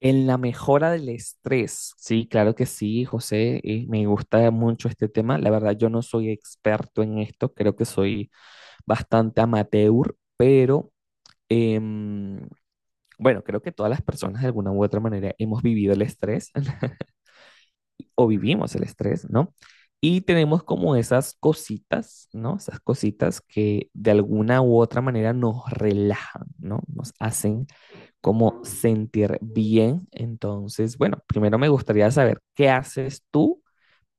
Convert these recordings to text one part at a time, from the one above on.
En la mejora del estrés, sí, claro que sí, José, y me gusta mucho este tema. La verdad, yo no soy experto en esto, creo que soy bastante amateur, pero em, bueno, creo que todas las personas de alguna u otra manera hemos vivido el estrés o vivimos el estrés, ¿no? Y tenemos como esas cositas, ¿no? Esas cositas que de alguna u otra manera nos relajan, ¿no? Nos hacen como sentir bien. Entonces, bueno, primero me gustaría saber qué haces tú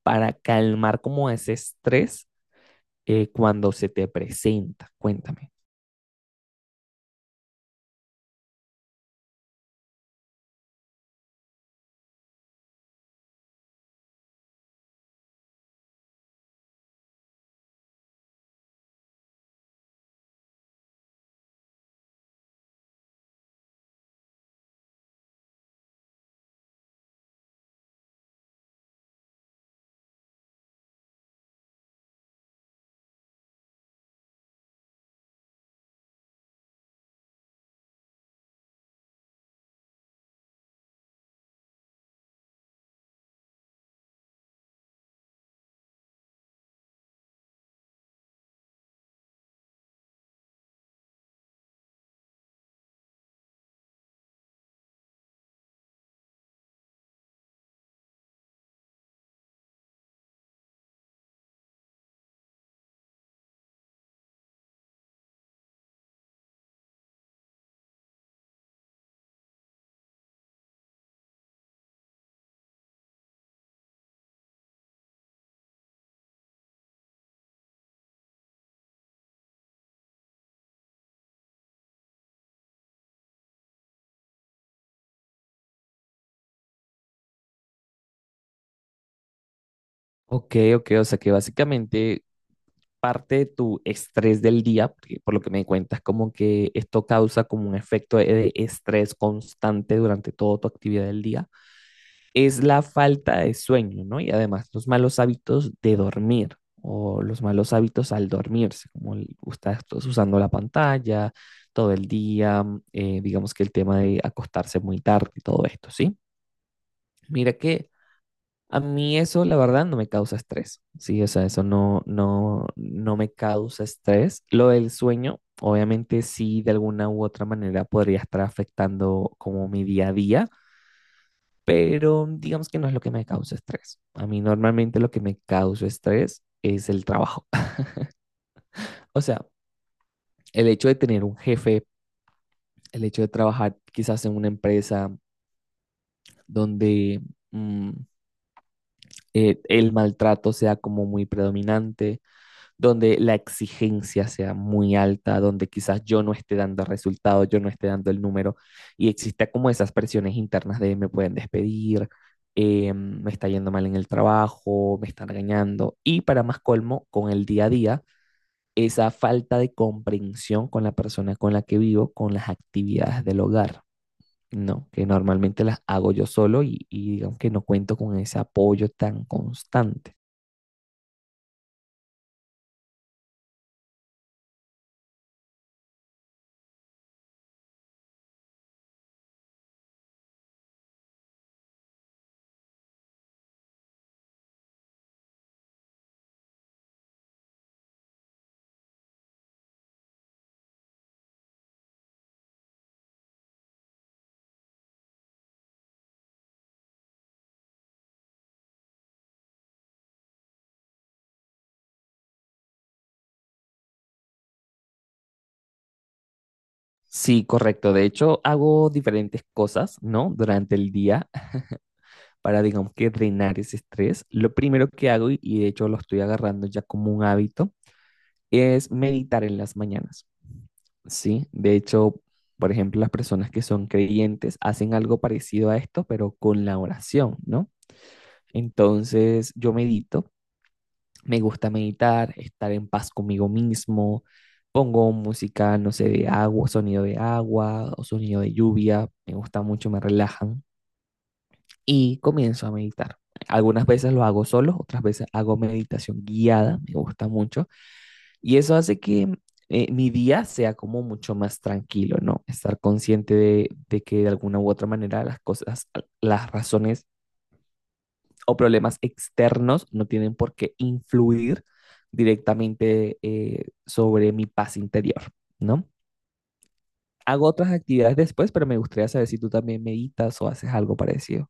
para calmar como ese estrés cuando se te presenta. Cuéntame. Ok, ok, o sea que básicamente parte de tu estrés del día, porque por lo que me cuentas, como que esto causa como un efecto de estrés constante durante toda tu actividad del día es la falta de sueño, ¿no? Y además los malos hábitos de dormir o los malos hábitos al dormirse, como el- estás usando la pantalla todo el día, mm, digamos que el tema de acostarse muy tarde y todo esto, ¿sí? Mira que a mí eso, la verdad, no me causa estrés, ¿sí? O sea, eso no, no, no me causa estrés. Lo del sueño, obviamente sí, de alguna u otra manera podría estar afectando como mi día a día, pero digamos que no es lo que me causa estrés. A mí normalmente lo que me causa estrés es el trabajo. O sea, el hecho de tener un jefe, el hecho de trabajar quizás en una empresa donde mm, el maltrato sea como muy predominante donde la exigencia sea muy alta, donde quizás yo no esté dando resultados, yo no esté dando el número y exista como esas presiones internas de me pueden despedir, me está yendo mal en el trabajo, me están regañando y para más colmo, con el día a día, esa falta de comprensión con la persona con la que vivo, con las actividades del hogar. No, que normalmente las hago yo solo y digamos que no cuento con ese apoyo tan constante. Sí, correcto. De hecho, hago diferentes cosas, ¿no? Durante el día para, digamos que, drenar ese estrés. Lo primero que hago, y de hecho lo estoy agarrando ya como un hábito, es meditar en las mañanas, ¿sí? De hecho, por ejemplo, las personas que son creyentes hacen algo parecido a esto, pero con la oración, ¿no? Entonces, yo medito. Me gusta meditar, estar en paz conmigo mismo. Pongo música, no sé, de agua, sonido de agua o sonido de lluvia. Me gusta mucho, me relajan y comienzo a meditar. Algunas veces lo hago solo, otras veces hago meditación guiada, me gusta mucho. Y eso hace que mi día sea como mucho más tranquilo, ¿no? Estar consciente de que de alguna u otra manera las cosas, las razones o problemas externos no tienen por qué influir directamente sobre mi paz interior, ¿no? Hago otras actividades después, pero me gustaría saber si tú también meditas o haces algo parecido.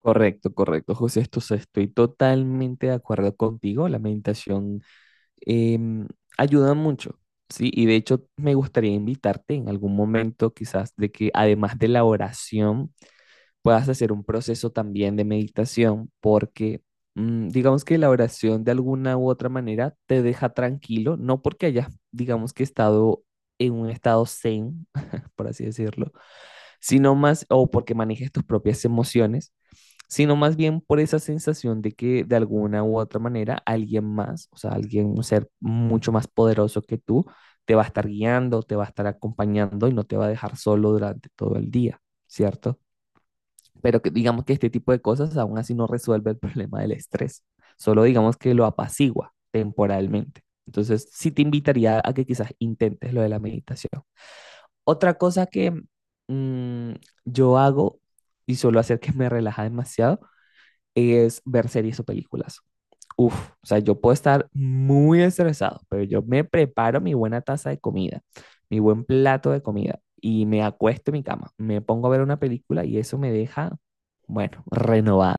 Correcto, correcto, José, esto se- estoy totalmente de acuerdo contigo. La meditación em, ayuda mucho, ¿sí? Y de hecho me gustaría invitarte en algún momento quizás de que además de la oración, puedas hacer un proceso también de meditación, porque mm, digamos que la oración de alguna u otra manera te deja tranquilo, no porque hayas, digamos que estado en un estado zen, por así decirlo, sino más, o porque manejes tus propias emociones, sino más bien por esa sensación de que de alguna u otra manera alguien más, o sea, alguien, un ser mucho más poderoso que tú, te va a estar guiando, te va a estar acompañando y no te va a dejar solo durante todo el día, ¿cierto? Pero que, digamos que este tipo de cosas aún así no resuelve el problema del estrés, solo digamos que lo apacigua temporalmente. Entonces, sí te invitaría a que quizás intentes lo de la meditación. Otra cosa que mm, yo hago y suelo hacer que me relaja demasiado es ver series o películas. Uf, o sea, yo puedo estar muy estresado, pero yo me preparo mi buena taza de comida, mi buen plato de comida y me acuesto en mi cama, me pongo a ver una película y eso me deja, bueno, renovado.